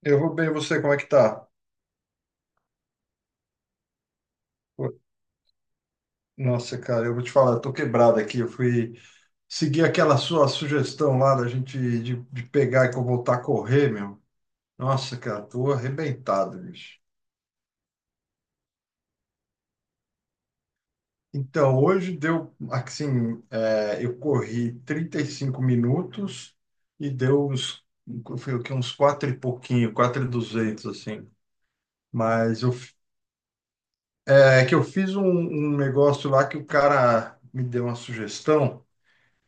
Eu vou bem, e você, como é que tá? Nossa, cara, eu vou te falar, eu tô quebrado aqui. Eu fui seguir aquela sua sugestão lá da gente de pegar e voltar a correr, meu. Nossa, cara, tô arrebentado, bicho. Então, hoje deu, assim, eu corri 35 minutos e deu uns, foi o quê? Uns quatro e pouquinho, quatro e duzentos, assim. Mas eu, é que eu fiz um negócio lá que o cara me deu uma sugestão.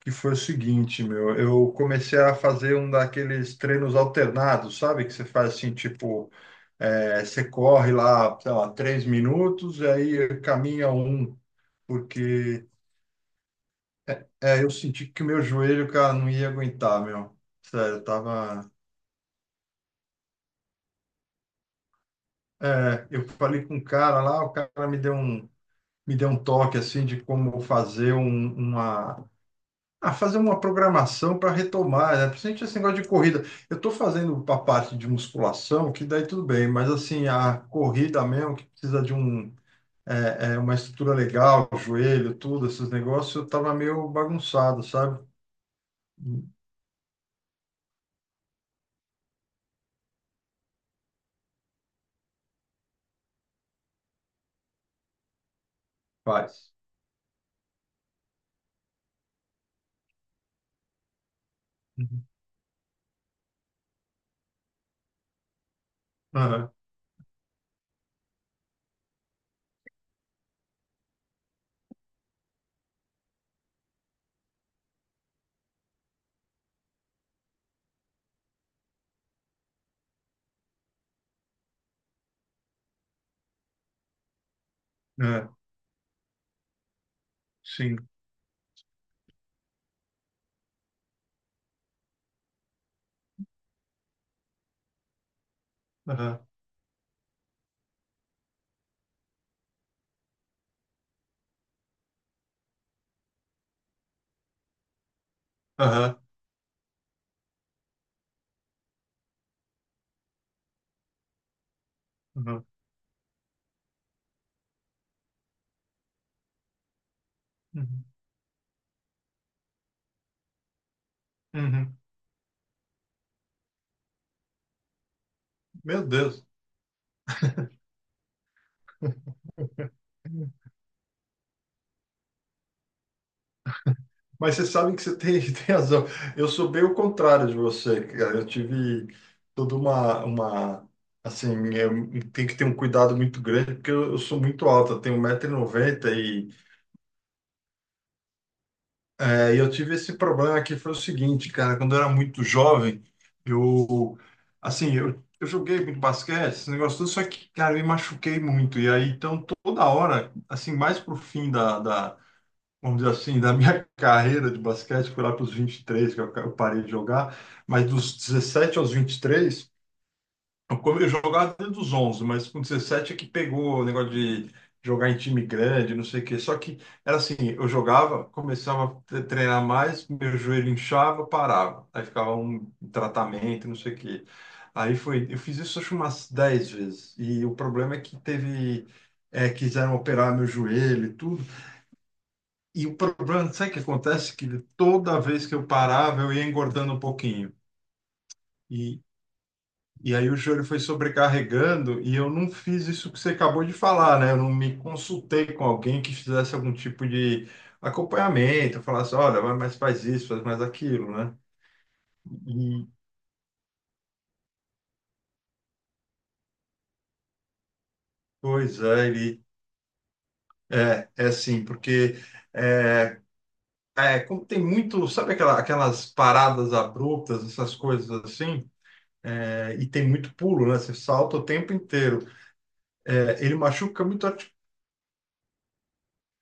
Que foi o seguinte, meu, eu comecei a fazer um daqueles treinos alternados, sabe? Que você faz assim, tipo, você corre lá, sei lá, 3 minutos, e aí caminha um, porque eu senti que o meu joelho, cara, não ia aguentar, meu. Sério, eu tava. É, eu falei com um cara lá, o cara me deu um toque assim de como fazer um- uma Ah, fazer uma programação para retomar, né? Principalmente esse negócio de corrida. Eu estou fazendo a parte de musculação, que daí tudo bem, mas assim, a corrida mesmo, que precisa de uma estrutura legal, joelho, tudo, esses negócios, eu estava meio bagunçado, sabe? Faz. Uhum. Aham, é, sim. Aham, aham, aham, uhum, uhum. Meu Deus. Mas você sabe que você tem, tem razão. Eu sou bem o contrário de você, cara. Eu tive toda uma assim, tem que ter um cuidado muito grande, porque eu sou muito alto, eu tenho 1,90 m e, noventa e, e eu tive esse problema que foi o seguinte, cara, quando eu era muito jovem, eu, assim, eu joguei muito basquete, esse negócio todo, só que, cara, eu me machuquei muito. E aí, então, toda hora, assim, mais pro fim da vamos dizer assim, da minha carreira de basquete, foi lá para os 23 que eu parei de jogar, mas dos 17 aos 23, eu jogava dentro dos 11, mas com 17 é que pegou o negócio de jogar em time grande, não sei o quê. Só que era assim, eu jogava, começava a treinar mais, meu joelho inchava, parava. Aí ficava um tratamento, não sei o quê. Aí foi, eu fiz isso acho umas 10 vezes. E o problema é que teve, quiseram operar meu joelho e tudo. E o problema, não sei o que acontece, que toda vez que eu parava, eu ia engordando um pouquinho. E, e aí o joelho foi sobrecarregando e eu não fiz isso que você acabou de falar, né? Eu não me consultei com alguém que fizesse algum tipo de acompanhamento, falasse, olha, mas faz isso, faz mais aquilo, né? E, pois é, ele... é assim, porque... É, como tem muito, sabe aquela, aquelas paradas abruptas, essas coisas assim, é, e tem muito pulo, né? Você salta o tempo inteiro. É, ele machuca muito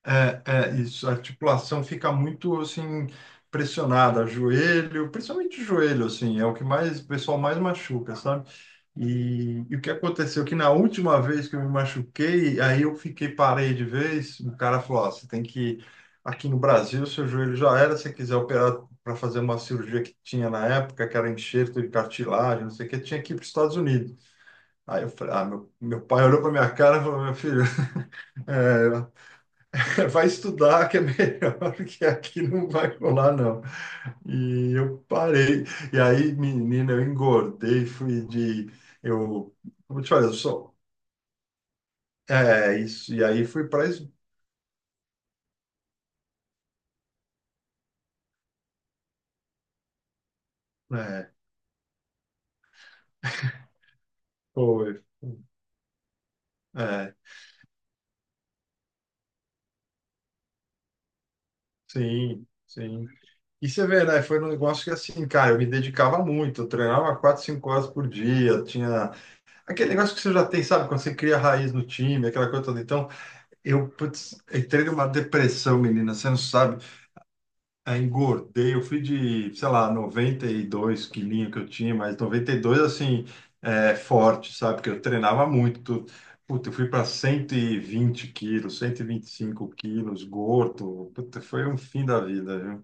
é, é, isso, a articulação fica muito assim pressionada, joelho, principalmente joelho, assim, é o que mais o pessoal mais machuca, sabe? E o que aconteceu que na última vez que eu me machuquei, aí eu fiquei parei de vez, o cara falou, ó, você tem que aqui no Brasil, seu joelho já era, se você quiser operar para fazer uma cirurgia que tinha na época, que era enxerto de cartilagem, não sei o que, tinha que ir para os Estados Unidos. Aí eu falei, ah, meu pai olhou para minha cara e falou, meu filho, vai estudar que é melhor, que aqui não vai rolar, não. E eu parei. E aí, menina, eu engordei, fui de. Eu. Como eu te falei, eu sou. É, isso. E aí fui para. É, foi. É, sim, sim. E você vê, né? Foi um negócio que, assim, cara, eu me dedicava muito. Eu treinava 4, 5 horas por dia. Tinha aquele negócio que você já tem, sabe? Quando você cria raiz no time, aquela coisa toda. Então, eu, putz, entrei numa depressão, menina. Você não sabe. Aí engordei, eu fui de, sei lá, 92 quilinhos que eu tinha, mas 92 assim, forte, sabe? Porque eu treinava muito. Puta, eu fui para 120 quilos, cento e vinte e cinco quilos, gordo. Puta, foi um fim da vida, viu?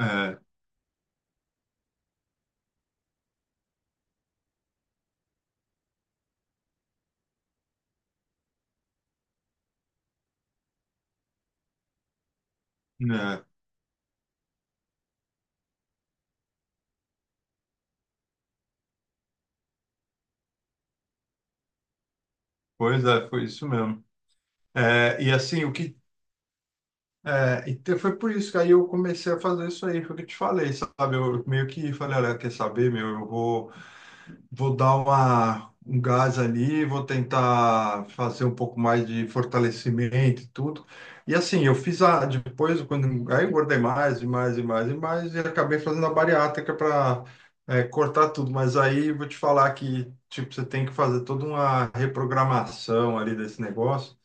É, né? Pois é, foi isso mesmo. É, e assim, o que. É, então foi por isso que aí eu comecei a fazer isso aí, foi o que eu te falei, sabe? Eu meio que falei, olha, quer saber, meu, eu vou. Vou dar um gás ali, vou tentar fazer um pouco mais de fortalecimento e tudo. E assim, eu fiz a, depois, quando, aí eu engordei mais e mais e mais e mais, e acabei fazendo a bariátrica para cortar tudo. Mas aí eu vou te falar que, tipo, você tem que fazer toda uma reprogramação ali desse negócio,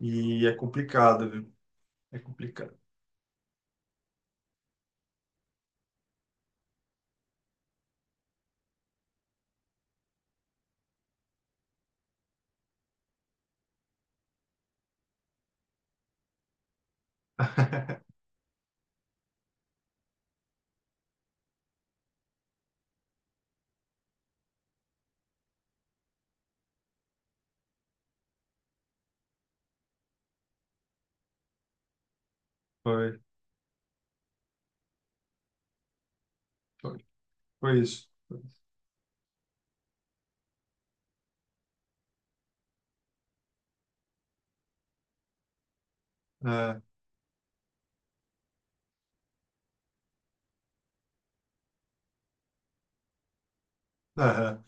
e é complicado, viu? É complicado. Foi, foi, foi isso. É, é,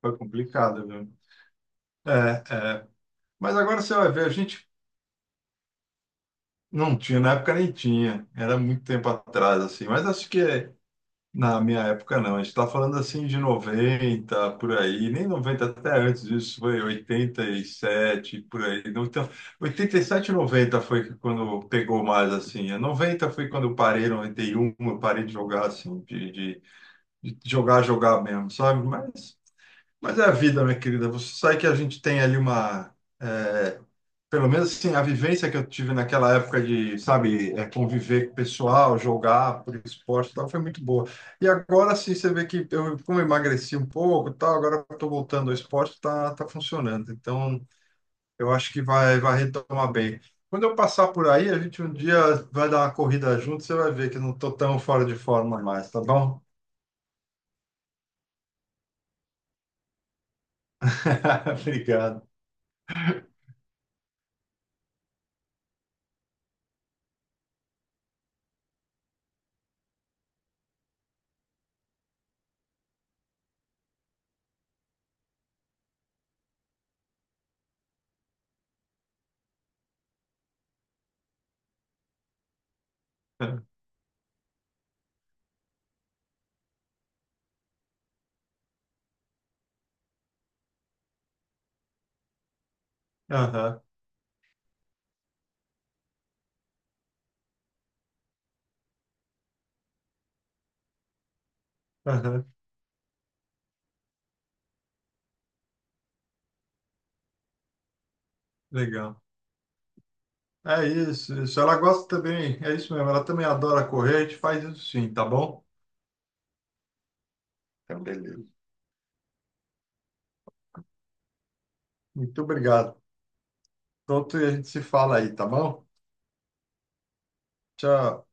foi complicado, viu? É, é. Mas agora você vai ver, a gente não tinha, na época nem tinha, era muito tempo atrás, assim, mas acho que na minha época não, a gente está falando assim de 90 por aí, nem 90 até antes disso, foi 87 por aí. Não, então, oitenta e sete e noventa foi quando pegou mais, assim, a 90 foi quando eu parei, 91 eu parei de jogar, assim, de jogar, jogar mesmo, sabe? Mas é a vida, minha querida, você sabe que a gente tem ali é, Pelo menos assim, a vivência que eu tive naquela época de, sabe, conviver com o pessoal, jogar por esporte e tal, foi muito boa. E agora sim, você vê que eu, como eu emagreci um pouco e tal, agora eu tô voltando ao esporte, tá funcionando. Então, eu acho que vai retomar bem. Quando eu passar por aí, a gente um dia vai dar uma corrida junto, você vai ver que eu não tô tão fora de forma mais, tá bom? Obrigado. Aham, aham, legal. É isso, isso. Ela gosta também, é isso mesmo. Ela também adora correr, a gente faz isso sim, tá bom? Então, beleza. Muito obrigado. Pronto, e a gente se fala aí, tá bom? Tchau.